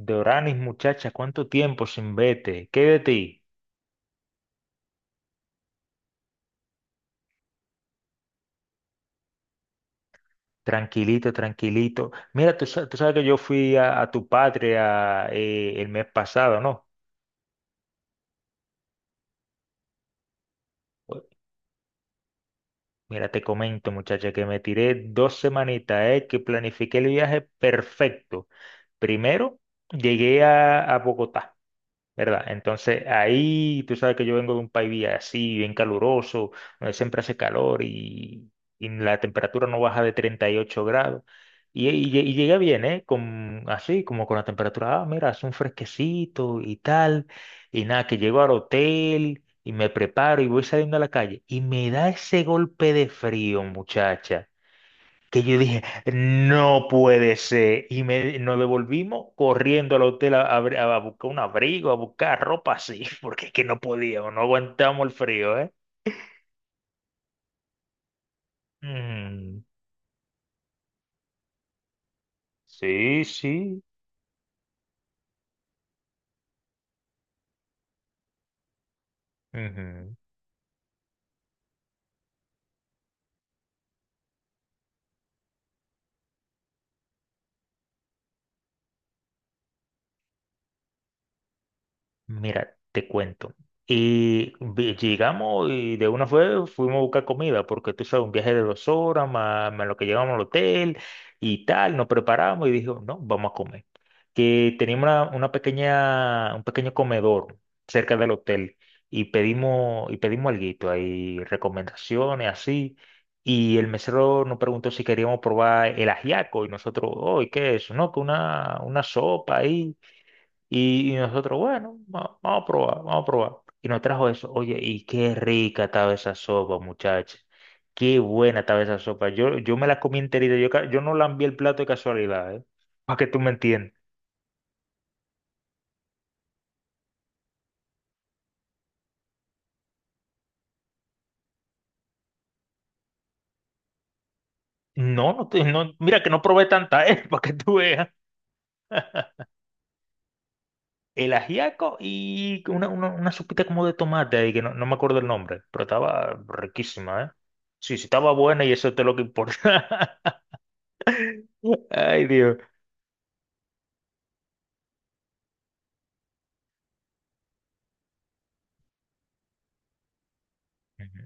Doranis, muchacha, ¿cuánto tiempo sin vete? ¿Qué de ti? Tranquilito, tranquilito. Mira, tú, tú sabes que yo fui a tu patria el mes pasado, ¿no? Pues, mira, te comento, muchacha, que me tiré 2 semanitas, que planifiqué el viaje perfecto. Primero, llegué a Bogotá. ¿Verdad? Entonces ahí tú sabes que yo vengo de un país así, bien caluroso, donde siempre hace calor y la temperatura no baja de 38 grados. Y llegué bien, ¿eh? Con, así, como con la temperatura, mira, hace un fresquecito y tal. Y nada, que llego al hotel y me preparo y voy saliendo a la calle. Y me da ese golpe de frío, muchacha, que yo dije, no puede ser. Nos devolvimos corriendo al hotel a buscar un abrigo, a buscar ropa así, porque es que no podíamos, no aguantamos el frío, ¿eh? Mm, sí, sí. Ujú. Mira, te cuento. Llegamos y de una fue fuimos a buscar comida, porque tú sabes, un viaje de 2 horas, más lo que llegamos al hotel y tal, nos preparamos y dijo, no, vamos a comer. Que teníamos un pequeño comedor cerca del hotel y pedimos alguito, hay recomendaciones así. Y el mesero nos preguntó si queríamos probar el ajiaco y nosotros, oh, ¿y qué es eso? No, que una sopa ahí y nosotros, bueno, vamos a probar, vamos a probar. Y nos trajo eso. Oye, y qué rica estaba esa sopa, muchachos. Qué buena estaba esa sopa. Yo me la comí enterita. Yo no lambí el plato de casualidad, ¿eh? Para que tú me entiendas. No, no, no, mira que no probé tanta, ¿eh? Para que tú veas. El ajiaco y una sopita como de tomate ahí, que no me acuerdo el nombre, pero estaba riquísima, ¿eh? Sí, sí, estaba buena y eso es lo que importa. Ay, Dios. Ujú,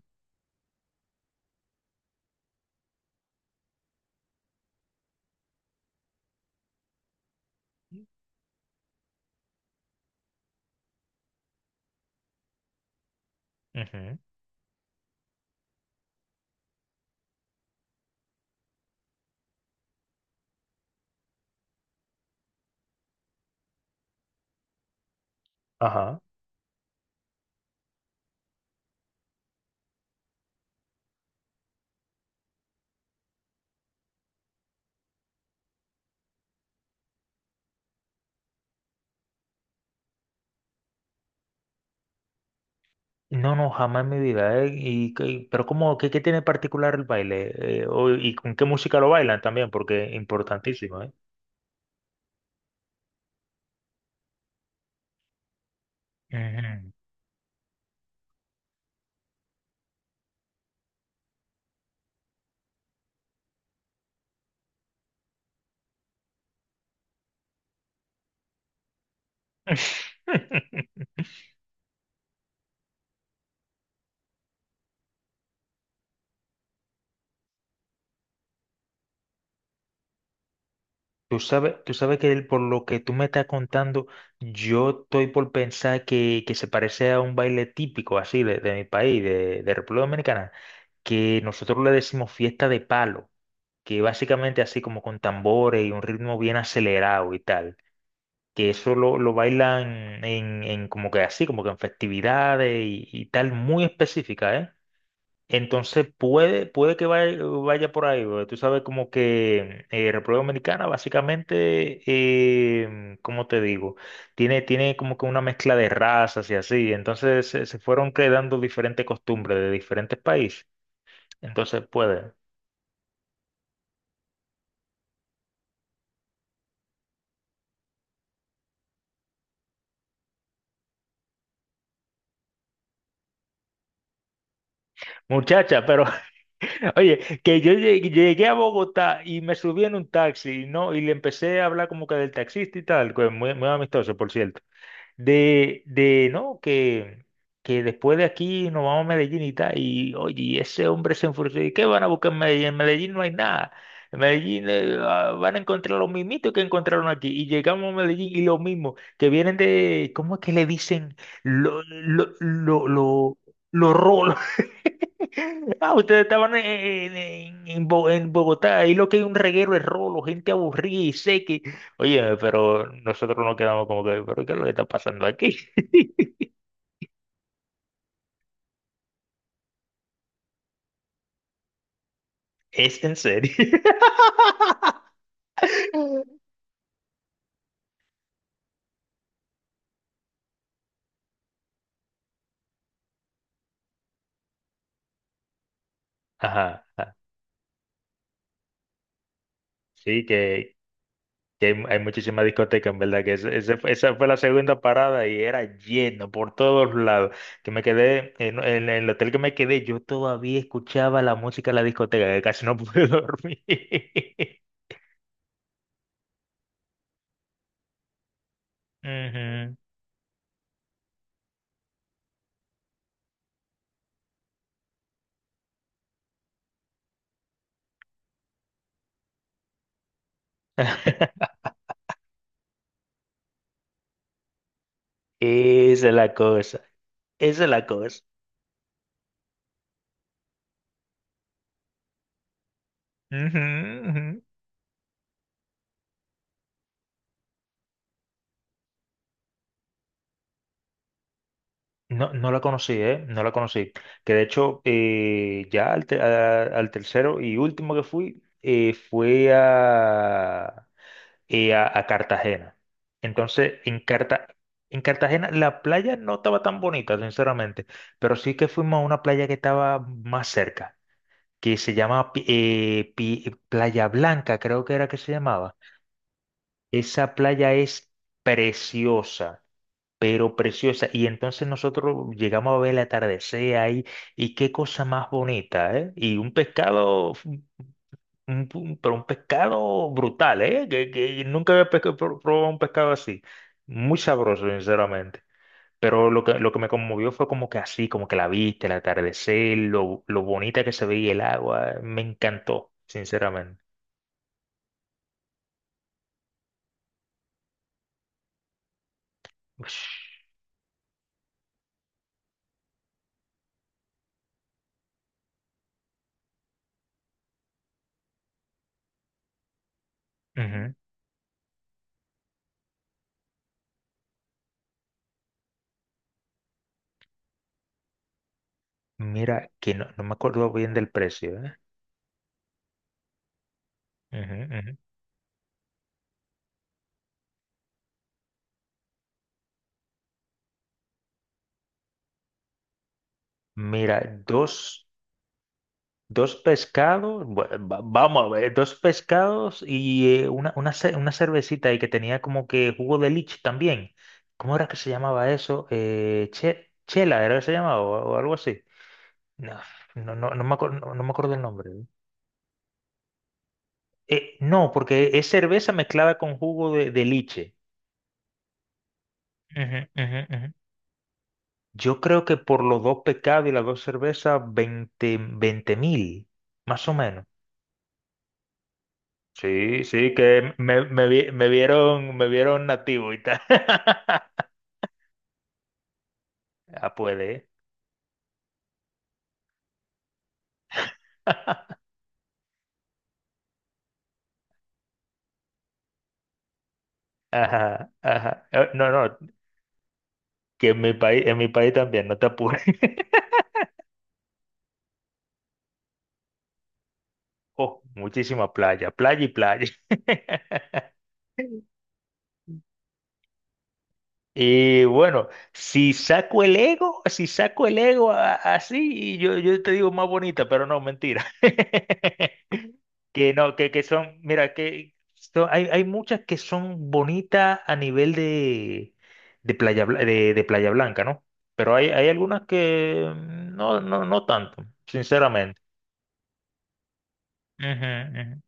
ujú. Ajá. No, no, jamás en mi vida. ¿Eh? Y, pero ¿cómo, qué tiene particular el baile? ¿Y con qué música lo bailan también? Porque es importantísimo, ¿eh? Ujú. Tú sabes que por lo que tú me estás contando, yo estoy por pensar que se parece a un baile típico así de mi país, de República Dominicana, que nosotros le decimos fiesta de palo, que básicamente así como con tambores y un ritmo bien acelerado y tal, que eso lo bailan en como que así, como que en festividades y tal, muy específica, ¿eh? Entonces puede que vaya por ahí, porque tú sabes como que República Dominicana básicamente, ¿cómo te digo? Tiene como que una mezcla de razas y así, entonces se fueron creando diferentes costumbres de diferentes países, entonces puede. Muchacha, pero Oye, que yo llegué a Bogotá y me subí en un taxi, ¿no? Y le empecé a hablar como que del taxista y tal, que muy, muy amistoso, por cierto, de no, que después de aquí nos vamos a Medellín y tal, y oye, y ese hombre se enfureció. ¿Y qué van a buscar en Medellín? En Medellín no hay nada. En Medellín van a encontrar los mismitos que encontraron aquí. Y llegamos a Medellín y lo mismo, que vienen de, ¿cómo es que le dicen? Lo, lo, lo, lo, lo rolo. Ah, ustedes estaban en Bogotá, ahí lo que hay un reguero de rolo, gente aburrida y seca. Oye, pero nosotros nos quedamos como que, ¿pero qué es lo que está pasando aquí? Es en serio. Ajá, ajá. Sí, que hay muchísimas discotecas, en verdad, que esa fue la segunda parada y era lleno por todos lados. Que me quedé, en el hotel que me quedé, yo todavía escuchaba la música de la discoteca, que casi no pude dormir. Ujú. Esa es la cosa, esa es la cosa. Ujú, ujú. No, no la conocí, ¿eh? No la conocí. Que de hecho, ya al tercero y último que fui, fue a Cartagena. Entonces, en Cartagena la playa no estaba tan bonita, sinceramente, pero sí que fuimos a una playa que estaba más cerca, que se llama Playa Blanca, creo que era que se llamaba. Esa playa es preciosa, pero preciosa. Y entonces nosotros llegamos a ver el atardecer ahí, y qué cosa más bonita, ¿eh? Y un pescado, pero un pescado brutal, ¿eh? Que nunca había probado un pescado así. Muy sabroso, sinceramente. Pero lo que me conmovió fue como que así, como que la vista, el atardecer, lo bonita que se veía el agua. Me encantó, sinceramente. Ush, ujú. Mira, que no me acuerdo bien del precio, ¿eh? Ujú, ujú. Mira, dos. Dos pescados, vamos a ver, dos pescados y una cervecita y que tenía como que jugo de lich también. ¿Cómo era que se llamaba eso? Chela, ¿era que se llamaba o algo así? No, no, no, no me acuerdo, no, no me acuerdo el nombre. ¿Eh? No, porque es cerveza mezclada con jugo de liche. Ujú, ujú, ujú. Yo creo que por los dos pescados y las dos cervezas, 20.000, más o menos. Sí, sí, que me vieron nativo y tal. Ah, puede. Ajá, ajá. No, no, que en mi país también, no te apures. Oh, muchísima playa, playa y playa. Y bueno, si saco el ego así, yo te digo más bonita, pero no, mentira. Que no, que son, mira, hay muchas que son bonitas a nivel de, de Playa Blanca, ¿no? Pero hay algunas que no, no, no tanto, sinceramente. Ujú, ujú,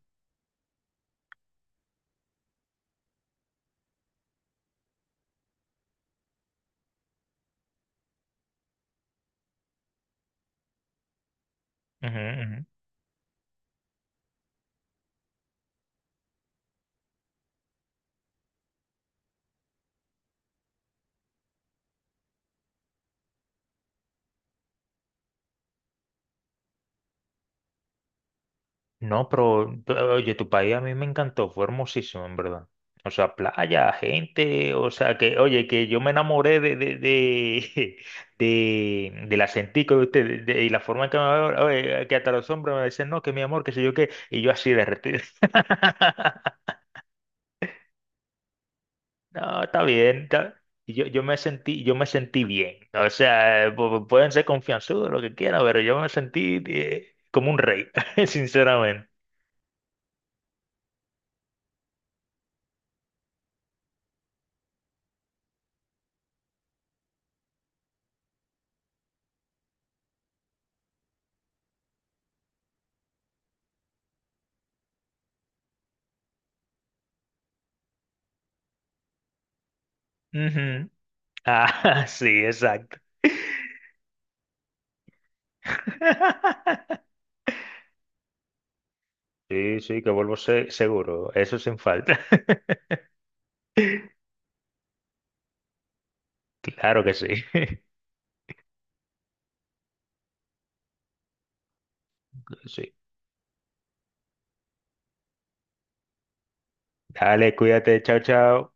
ujú, ujú. No, pero oye, tu país a mí me encantó, fue hermosísimo, en verdad. O sea, playa, gente, o sea, oye, que yo me enamoré del acentico de ustedes, y la forma en que me hablaban, oye, que hasta los hombres me decían, no, que mi amor, que sé yo qué, y yo así derretido. No, está bien, y yo me sentí bien. O sea, pueden ser confianzudos, lo que quieran, pero yo me sentí como un rey, sinceramente. Ujú. Ah, sí, exacto. Sí, sí, que vuelvo seguro. Eso sin falta. Claro que sí. Sí. Dale, cuídate. Chao, chao.